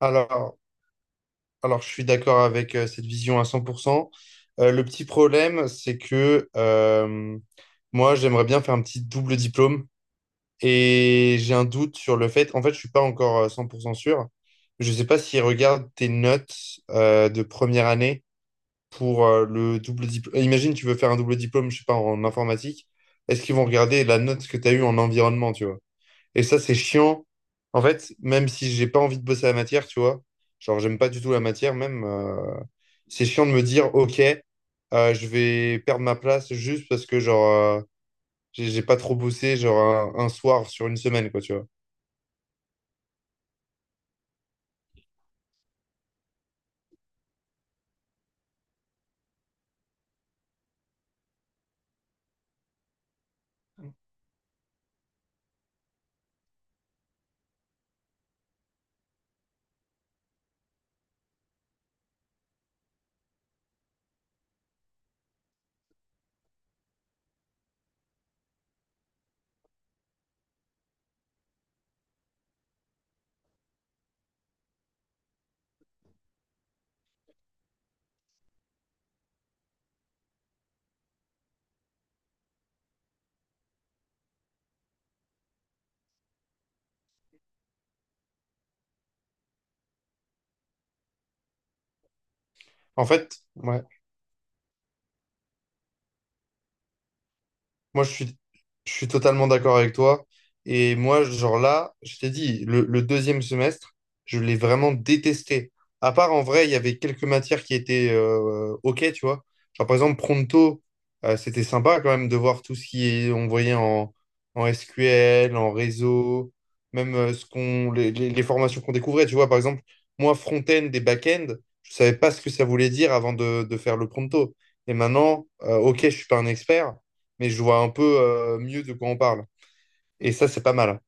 Alors, alors, je suis d'accord avec cette vision à 100%. Le petit problème, c'est que moi, j'aimerais bien faire un petit double diplôme et j'ai un doute sur le fait. En fait, je suis pas encore 100% sûr. Je sais pas s'ils regardent tes notes de première année pour le double diplôme. Imagine, tu veux faire un double diplôme, je sais pas, en informatique. Est-ce qu'ils vont regarder la note que tu as eue en environnement, tu vois? Et ça, c'est chiant. En fait, même si j'ai pas envie de bosser la matière, tu vois, genre, j'aime pas du tout la matière, même, c'est chiant de me dire, OK, je vais perdre ma place juste parce que, genre, euh, j'ai pas trop bossé, genre, un soir sur une semaine, quoi, tu vois. En fait, ouais. Moi, je suis totalement d'accord avec toi. Et moi, genre là, je t'ai dit, le deuxième semestre, je l'ai vraiment détesté. À part, en vrai, il y avait quelques matières qui étaient OK, tu vois. Genre, par exemple, Pronto, c'était sympa quand même de voir tout ce qui est, on voyait en SQL, en réseau, même ce qu'on, les, les formations qu'on découvrait. Tu vois, par exemple, moi, front-end et back-end, je savais pas ce que ça voulait dire avant de faire le Pronto. Et maintenant, OK, je suis pas un expert mais je vois un peu mieux de quoi on parle. Et ça, c'est pas mal.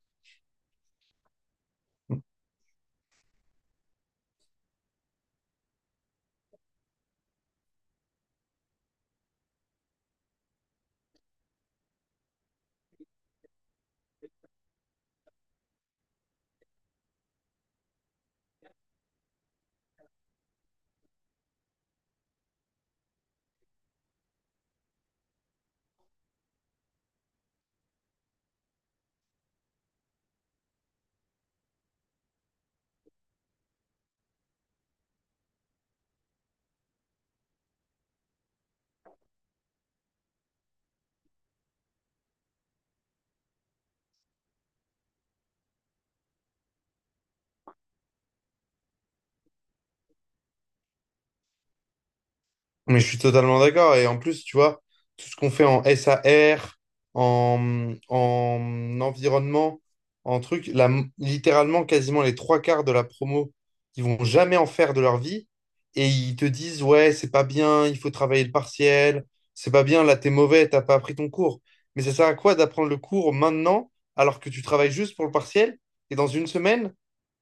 Mais je suis totalement d'accord. Et en plus, tu vois, tout ce qu'on fait en SAR, en environnement, en truc, la, littéralement, quasiment les trois quarts de la promo, ils vont jamais en faire de leur vie. Et ils te disent, ouais, c'est pas bien, il faut travailler le partiel, c'est pas bien, là, t'es mauvais, t'as pas appris ton cours. Mais ça sert à quoi d'apprendre le cours maintenant, alors que tu travailles juste pour le partiel, et dans une semaine,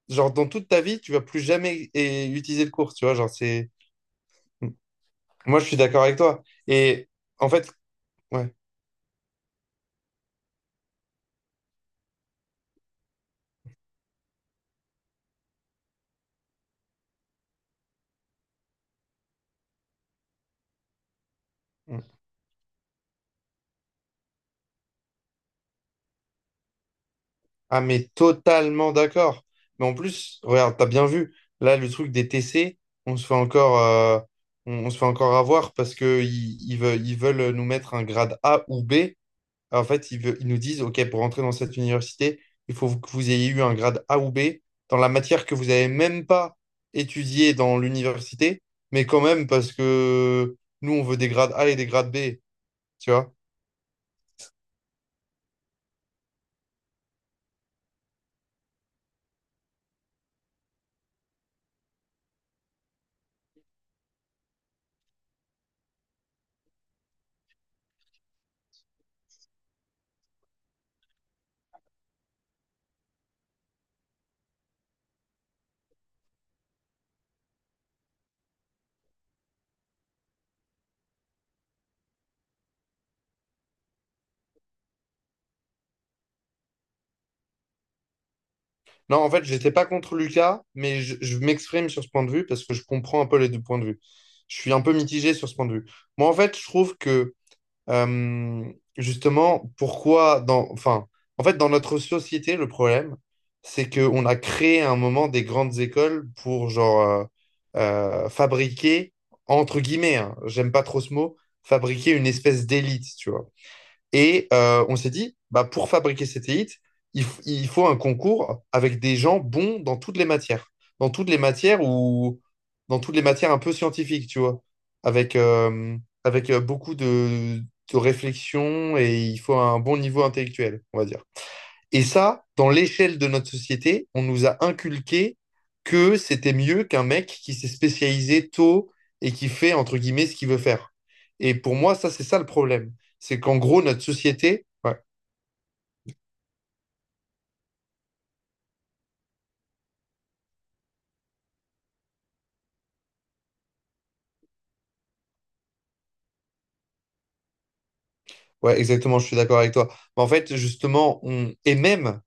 genre, dans toute ta vie, tu vas plus jamais utiliser de cours, tu vois. Genre, c'est. Moi, je suis d'accord avec toi. Et en fait, ouais. Ah, mais totalement d'accord. Mais en plus, regarde, t'as bien vu, là, le truc des TC, on se fait encore, on se fait encore avoir parce que ils veulent nous mettre un grade A ou B. En fait, ils nous disent, OK, pour entrer dans cette université, il faut que vous ayez eu un grade A ou B dans la matière que vous n'avez même pas étudiée dans l'université, mais quand même, parce que nous, on veut des grades A et des grades B, tu vois. Non, en fait, j'étais pas contre Lucas, mais je m'exprime sur ce point de vue parce que je comprends un peu les deux points de vue. Je suis un peu mitigé sur ce point de vue. Moi, en fait, je trouve que euh, justement, pourquoi dans, enfin, en fait, dans notre société, le problème, c'est qu'on a créé à un moment des grandes écoles pour genre fabriquer, entre guillemets, hein, j'aime pas trop ce mot, fabriquer une espèce d'élite, tu vois. Et on s'est dit, bah, pour fabriquer cet hits, il faut un concours avec des gens bons dans toutes les matières. Dans toutes les matières ou dans toutes les matières un peu scientifiques, tu vois. Avec, euh, avec beaucoup de réflexion et il faut un bon niveau intellectuel, on va dire. Et ça, dans l'échelle de notre société, on nous a inculqué que c'était mieux qu'un mec qui s'est spécialisé tôt et qui fait, entre guillemets, ce qu'il veut faire. Et pour moi, ça, c'est ça le problème. C'est qu'en gros, notre société... Ouais. Ouais, exactement, je suis d'accord avec toi. Mais en fait, justement, on... et même,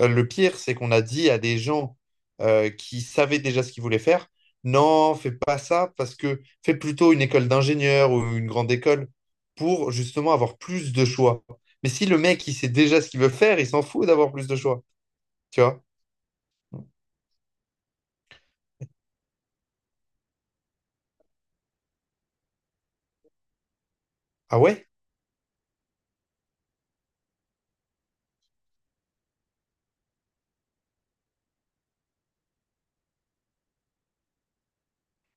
Le pire, c'est qu'on a dit à des gens qui savaient déjà ce qu'ils voulaient faire, non, fais pas ça parce que fais plutôt une école d'ingénieur ou une grande école pour justement avoir plus de choix. Mais si le mec, il sait déjà ce qu'il veut faire, il s'en fout d'avoir plus de choix. Tu vois? Ah ouais?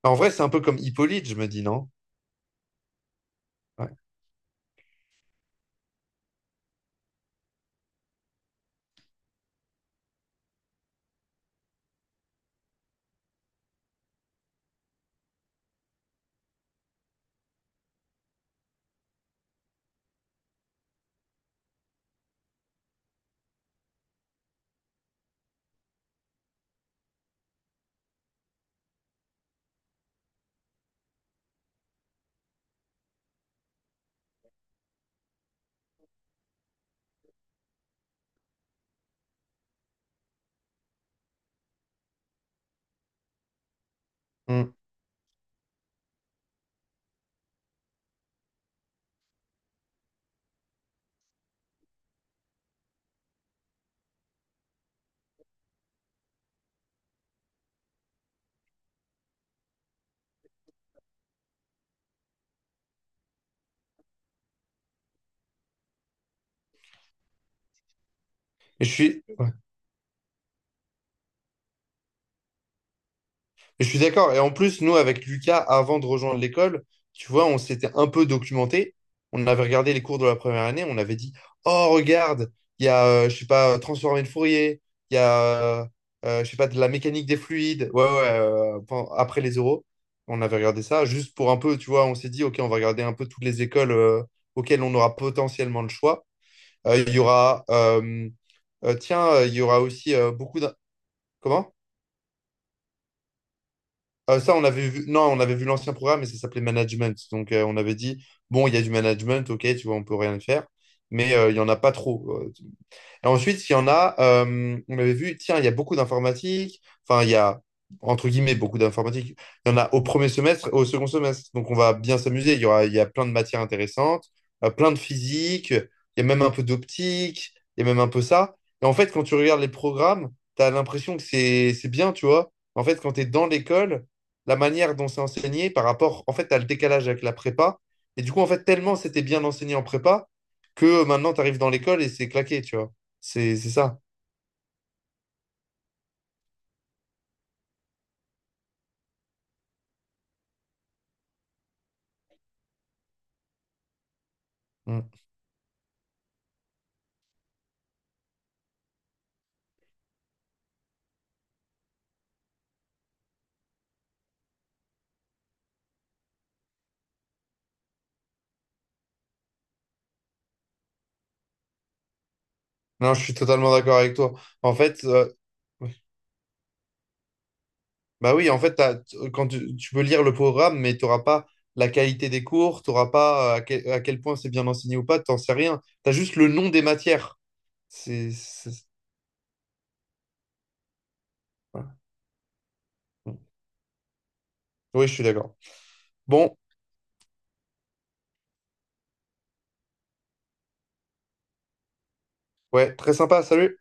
Bah, en vrai, c'est un peu comme Hippolyte, je me dis, non? Ouais. Mm. Et je suis... Je suis d'accord. Et en plus, nous, avec Lucas, avant de rejoindre l'école, tu vois, on s'était un peu documenté. On avait regardé les cours de la première année. On avait dit, oh, regarde, il y a, je sais pas, transformer de Fourier. Il y a, je sais pas, de la mécanique des fluides. Ouais, ouais, après les euros. On avait regardé ça juste pour un peu, tu vois, on s'est dit, OK, on va regarder un peu toutes les écoles auxquelles on aura potentiellement le choix. Il y aura, tiens, il y aura aussi beaucoup d'un... Comment? Ça, on avait vu, non, on avait vu l'ancien programme et ça s'appelait management. Donc, on avait dit, bon, il y a du management, ok, tu vois, on peut rien faire, mais il y en a pas trop. Et ensuite, il y en a, on avait vu, tiens, il y a beaucoup d'informatique, enfin, il y a, entre guillemets, beaucoup d'informatique. Il y en a au premier semestre et au second semestre. Donc, on va bien s'amuser. Il y aura, il y a plein de matières intéressantes, plein de physique, il y a même un peu d'optique, il y a même un peu ça. Et en fait, quand tu regardes les programmes, tu as l'impression que c'est bien, tu vois. En fait, quand tu es dans l'école, la manière dont c'est enseigné par rapport, en fait, tu as le décalage avec la prépa. Et du coup, en fait, tellement c'était bien enseigné en prépa que maintenant, tu arrives dans l'école et c'est claqué, tu vois. C'est ça. Mm. Non, je suis totalement d'accord avec toi. En fait, oui. Bah oui, en fait, quand tu peux lire le programme, mais tu n'auras pas la qualité des cours, tu n'auras pas à quel point c'est bien enseigné ou pas, t'en sais rien. Tu as juste le nom des matières. C'est, c'est- voilà. Mm. Oui, je suis d'accord. Bon, ouais, très sympa, salut.